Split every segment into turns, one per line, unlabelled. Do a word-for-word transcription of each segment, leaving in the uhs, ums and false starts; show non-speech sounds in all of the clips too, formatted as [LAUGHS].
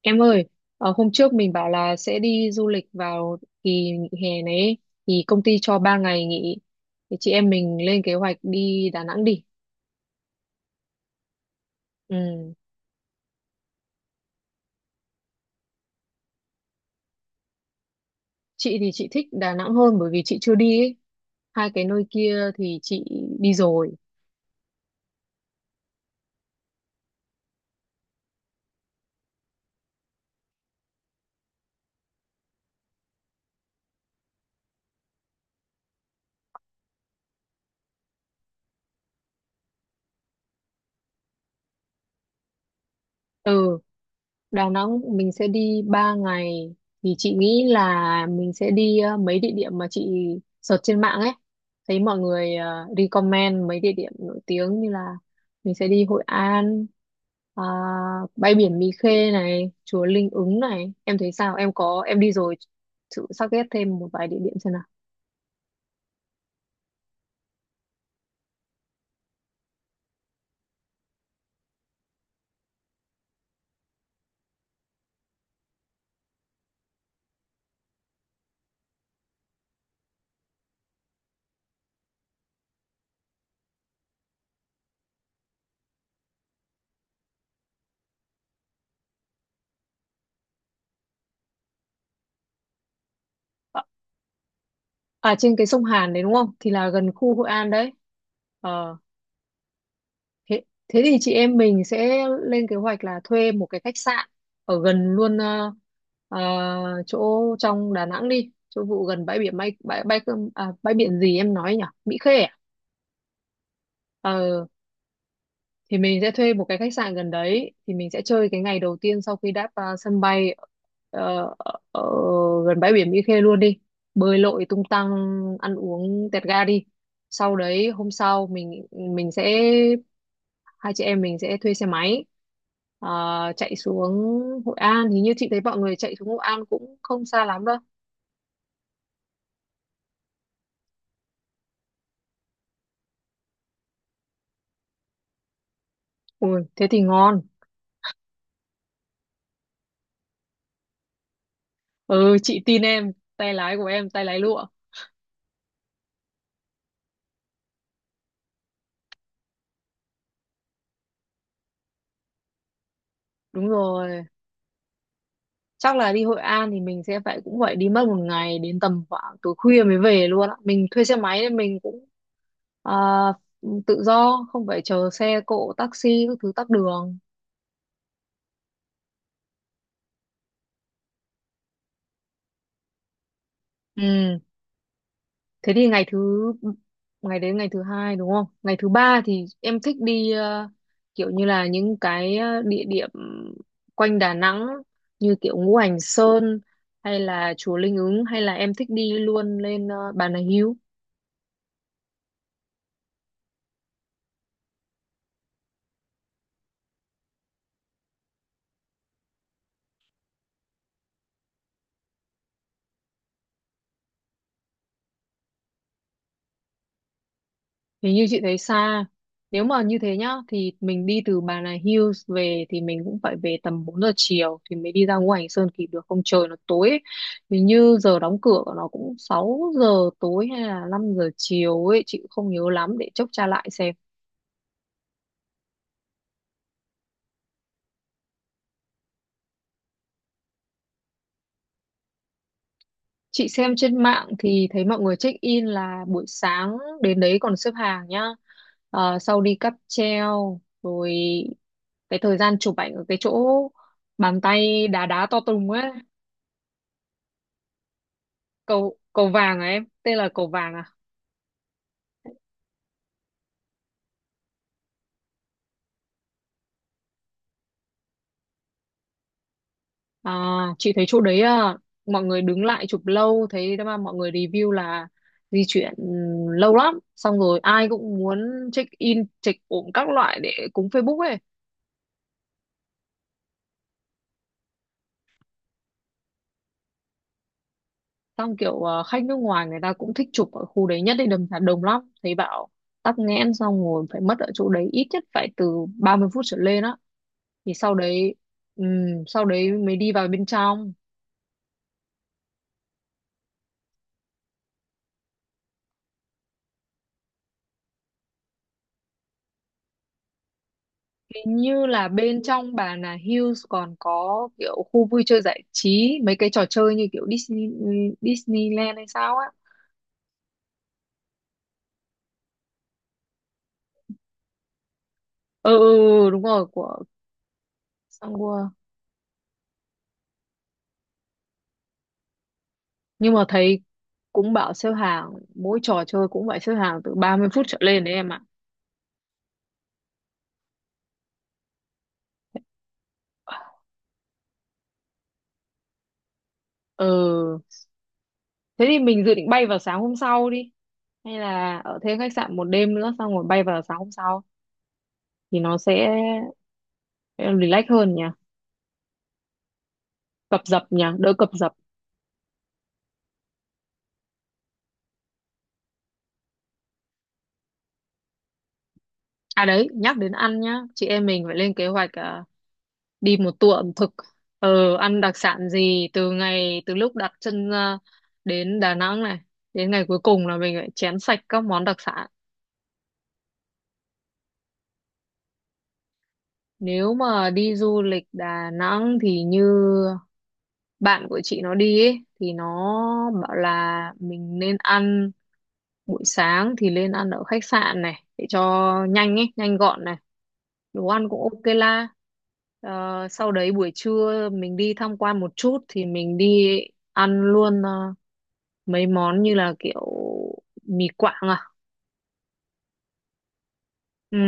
Em ơi, ờ, hôm trước mình bảo là sẽ đi du lịch vào kỳ nghỉ hè này ấy, thì công ty cho ba ngày nghỉ. Thì chị em mình lên kế hoạch đi Đà Nẵng đi. Ừ. Chị thì chị thích Đà Nẵng hơn bởi vì chị chưa đi ấy. Hai cái nơi kia thì chị đi rồi. Ừ. Đà Nẵng mình sẽ đi ba ngày, thì chị nghĩ là mình sẽ đi ờ, mấy địa điểm mà chị search trên mạng ấy, thấy mọi người ờ, recommend mấy địa điểm nổi tiếng như là mình sẽ đi Hội An, à, bãi biển Mỹ Khê này, chùa Linh Ứng này, em thấy sao? Em có em đi rồi thử sắp ghét thêm một vài địa điểm xem nào. À, à, trên cái sông Hàn đấy đúng không, thì là gần khu Hội An đấy. Ờ. Thế, thế thì chị em mình sẽ lên kế hoạch là thuê một cái khách sạn ở gần luôn, ờ, ờ, chỗ trong Đà Nẵng đi, chỗ vụ gần bãi biển bay bãi bãi Cơm- à, bãi biển gì em nói nhỉ? Mỹ Khê à? Ờ, thì mình sẽ thuê một cái khách sạn gần đấy, thì mình sẽ chơi cái ngày đầu tiên sau khi đáp ờ, sân bay, ờ, ở, ở gần bãi biển Mỹ Khê luôn đi. Bơi lội tung tăng, ăn uống tẹt ga đi. Sau đấy hôm sau mình mình sẽ hai chị em mình sẽ thuê xe máy, ờ, chạy xuống Hội An. Hình như chị thấy mọi người chạy xuống Hội An cũng không xa lắm đâu. Ui thế thì ngon. Ừ, chị tin em, tay lái của em tay lái lụa. Đúng rồi, chắc là đi Hội An thì mình sẽ phải, cũng phải đi mất một ngày, đến tầm khoảng tối khuya mới về luôn á. Mình thuê xe máy nên mình cũng, ờ, tự do, không phải chờ xe cộ, taxi các thứ, tắc đường. Ừ. Thế thì ngày thứ ngày đấy ngày thứ hai đúng không? Ngày thứ ba thì em thích đi ờ, kiểu như là những cái ờ, địa điểm quanh Đà Nẵng như kiểu Ngũ Hành Sơn, hay là chùa Linh Ứng, hay là em thích đi luôn lên ờ, Bà Nà Hưu. Nếu như chị thấy xa, nếu mà như thế nhá, thì mình đi từ Bà Nà Hills về thì mình cũng phải về tầm bốn giờ chiều thì mới đi ra ngoài hành sơn kịp được, không trời nó tối ấy. Thì như giờ đóng cửa của nó cũng sáu giờ tối hay là năm giờ chiều ấy, chị cũng không nhớ lắm, để chốc tra lại xem. Chị xem trên mạng thì thấy mọi người check in là buổi sáng đến đấy còn xếp hàng nhá. Ờ, sau đi cáp treo rồi cái thời gian chụp ảnh ở cái chỗ bàn tay đá đá to tùng ấy, cầu cầu vàng à, em tên là cầu vàng à? À, chị thấy chỗ đấy, à, mọi người đứng lại chụp lâu, thấy mà mọi người review là di chuyển ừm, lâu lắm, xong rồi ai cũng muốn check in check ổn các loại để cúng Facebook ấy. Xong kiểu à, khách nước ngoài người ta cũng thích chụp ở khu đấy nhất định, đầm Hà đồng lắm, thấy bảo tắc nghẽn, xong ngồi phải mất ở chỗ đấy ít nhất phải từ ba mươi phút trở lên á, thì sau đấy, ừm, sau đấy mới đi vào bên trong. Hình như là bên trong Bà Nà Hills còn có kiểu khu vui chơi giải trí, mấy cái trò chơi như kiểu Disney Disneyland hay sao á. Ừ ừ, ừ, ừ, đúng rồi, của Sun World, nhưng mà thấy cũng bảo xếp hàng, mỗi trò chơi cũng phải xếp hàng từ ba mươi phút trở lên đấy em ạ. Ừ, thế thì mình dự định bay vào sáng hôm sau đi, hay là ở thêm khách sạn một đêm nữa xong rồi bay vào sáng hôm sau, thì nó sẽ relax hơn nhỉ, cập dập nhỉ, đỡ cập dập. À đấy, nhắc đến ăn nhá, chị em mình phải lên kế hoạch, à, đi một tour ẩm thực, ờ ăn đặc sản gì từ ngày, từ lúc đặt chân ra đến Đà Nẵng này đến ngày cuối cùng là mình phải chén sạch các món đặc sản. Nếu mà đi du lịch Đà Nẵng thì như bạn của chị nó đi ấy, thì nó bảo là mình nên ăn buổi sáng thì nên ăn ở khách sạn này để cho nhanh ấy, nhanh gọn này, đồ ăn cũng ok la. Ờ, sau đấy buổi trưa mình đi tham quan một chút thì mình đi ăn luôn ờ, mấy món như là kiểu mì Quảng à. Ừ.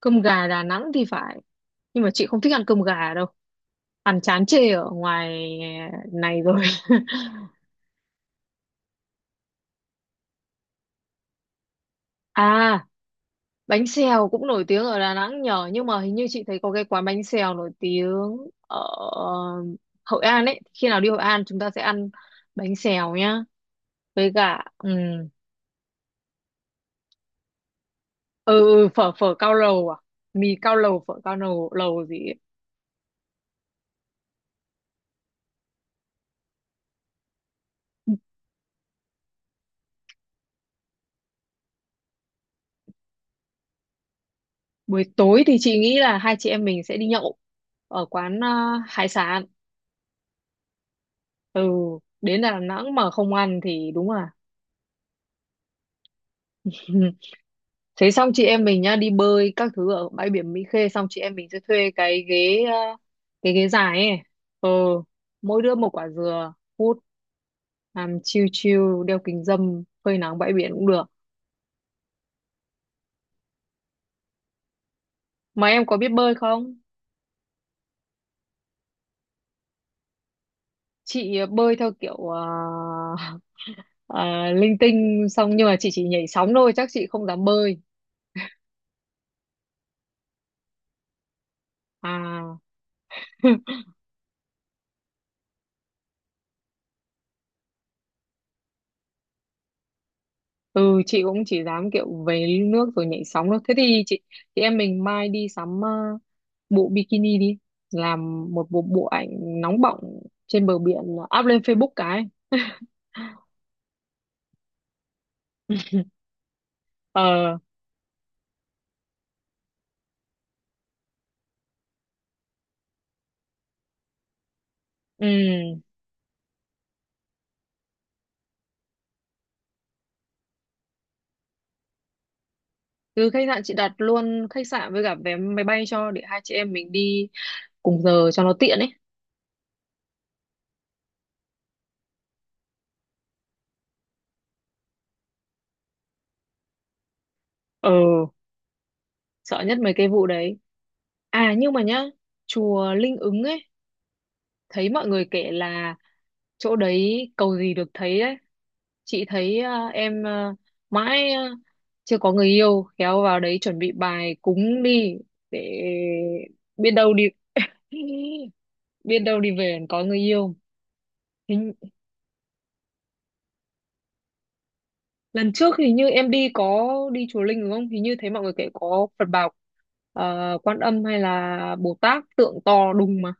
Cơm gà Đà Nẵng thì phải, nhưng mà chị không thích ăn cơm gà đâu, ăn chán chê ở ngoài này rồi. [LAUGHS] À, bánh xèo cũng nổi tiếng ở Đà Nẵng nhờ, nhưng mà hình như chị thấy có cái quán bánh xèo nổi tiếng ở Hội An ấy, khi nào đi Hội An chúng ta sẽ ăn bánh xèo nhá. Với cả, ừ, ừ ừ, phở phở cao lầu à, mì cao lầu, phở cao lầu, lầu gì ấy. Buổi tối thì chị nghĩ là hai chị em mình sẽ đi nhậu ở quán ờ, hải sản. Ừ, đến Đà Nẵng mà không ăn thì đúng là. [LAUGHS] Thế xong chị em mình nhá, đi bơi các thứ ở bãi biển Mỹ Khê, xong chị em mình sẽ thuê cái ghế ờ, cái ghế dài ấy. Ừ, mỗi đứa một quả dừa, hút, làm chill chill, đeo kính râm, phơi nắng bãi biển cũng được. Mà em có biết bơi không? Chị ờ, bơi theo kiểu ờ, [LAUGHS] ờ, linh tinh, xong nhưng mà chị chỉ nhảy sóng thôi, chắc chị không dám bơi. À. [LAUGHS] Ừ, chị cũng chỉ dám kiểu về nước rồi nhảy sóng thôi. Thế thì chị chị em mình mai đi sắm ờ, bộ bikini đi, làm một bộ bộ ảnh nóng bỏng trên bờ biển, ờ, up lên Facebook cái. [LAUGHS] ờ ừ Từ khách sạn chị đặt luôn khách sạn với cả vé máy bay cho, để hai chị em mình đi cùng giờ cho nó tiện ấy. ờ Sợ nhất mấy cái vụ đấy. À nhưng mà nhá, chùa Linh Ứng ấy, thấy mọi người kể là chỗ đấy cầu gì được thấy đấy. Chị thấy ờ, em ờ, mãi ờ, chưa có người yêu, khéo vào đấy chuẩn bị bài cúng đi, để biết đâu đi, [LAUGHS] biết đâu đi về còn có người yêu. hình, Lần trước hình như em đi có đi chùa Linh đúng không, hình như thấy mọi người kể có Phật Bảo ờ, Quan Âm hay là Bồ Tát, tượng to đùng mà.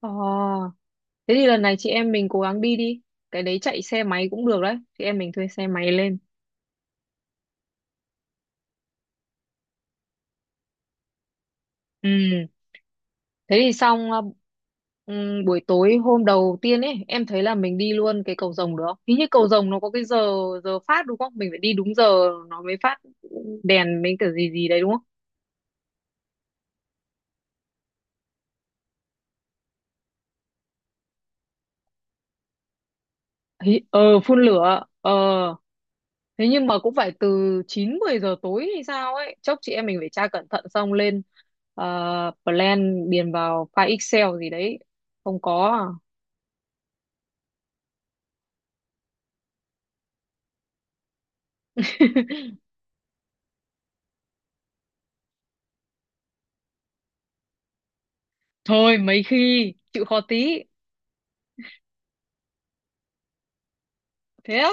Ờ. Thế thì lần này chị em mình cố gắng đi đi. Cái đấy chạy xe máy cũng được đấy. Chị em mình thuê xe máy lên. Ừ. Thế thì xong, ờ, ừ, buổi tối hôm đầu tiên ấy, em thấy là mình đi luôn cái cầu Rồng được không? Hình như cầu Rồng nó có cái giờ, giờ phát đúng không? Mình phải đi đúng giờ nó mới phát đèn mấy cái gì gì đấy đúng không? Hi- Ờ, phun lửa. Ờ, thế nhưng mà cũng phải từ chín mười giờ tối hay sao ấy. Chốc chị em mình phải tra cẩn thận xong lên ờ, plan, điền vào file Excel gì đấy. Không có à? Thôi mấy khi chịu khó tí. Thế á?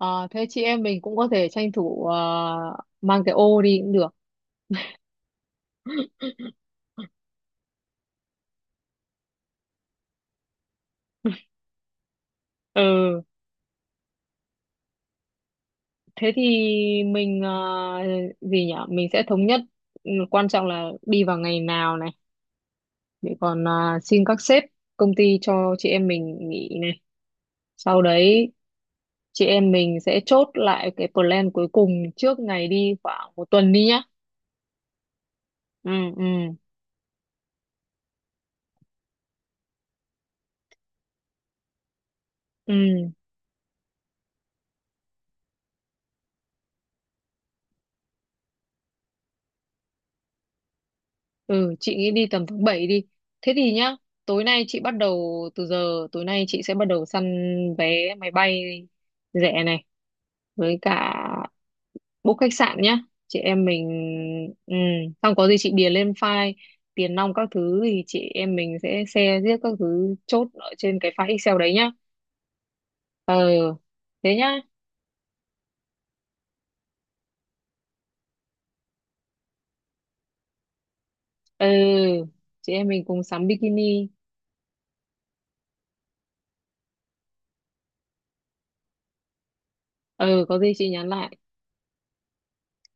Ờ, thế chị em mình cũng có thể tranh thủ ờ, mang cái ô đi cũng được. [LAUGHS] Ừ thế thì mình ờ, gì nhở, mình sẽ thống nhất, ừ, quan trọng là đi vào ngày nào này, để còn ờ, xin các sếp công ty cho chị em mình nghỉ này, sau đấy chị em mình sẽ chốt lại cái plan cuối cùng trước ngày đi khoảng một tuần đi nhá. Ừ ừ ừ. Ừ, chị nghĩ đi tầm tháng bảy đi. Thế thì nhá, tối nay chị bắt đầu từ giờ, tối nay chị sẽ bắt đầu săn vé máy bay rẻ này, với cả book khách sạn nhá. Chị em mình, ừ, xong có gì chị điền lên file, tiền nong các thứ thì chị em mình sẽ share riết các thứ, chốt ở trên cái file Excel đấy nhá. Ừ, thế nhá. Ừ, chị em mình cùng sắm bikini. Ừ, có gì chị nhắn lại.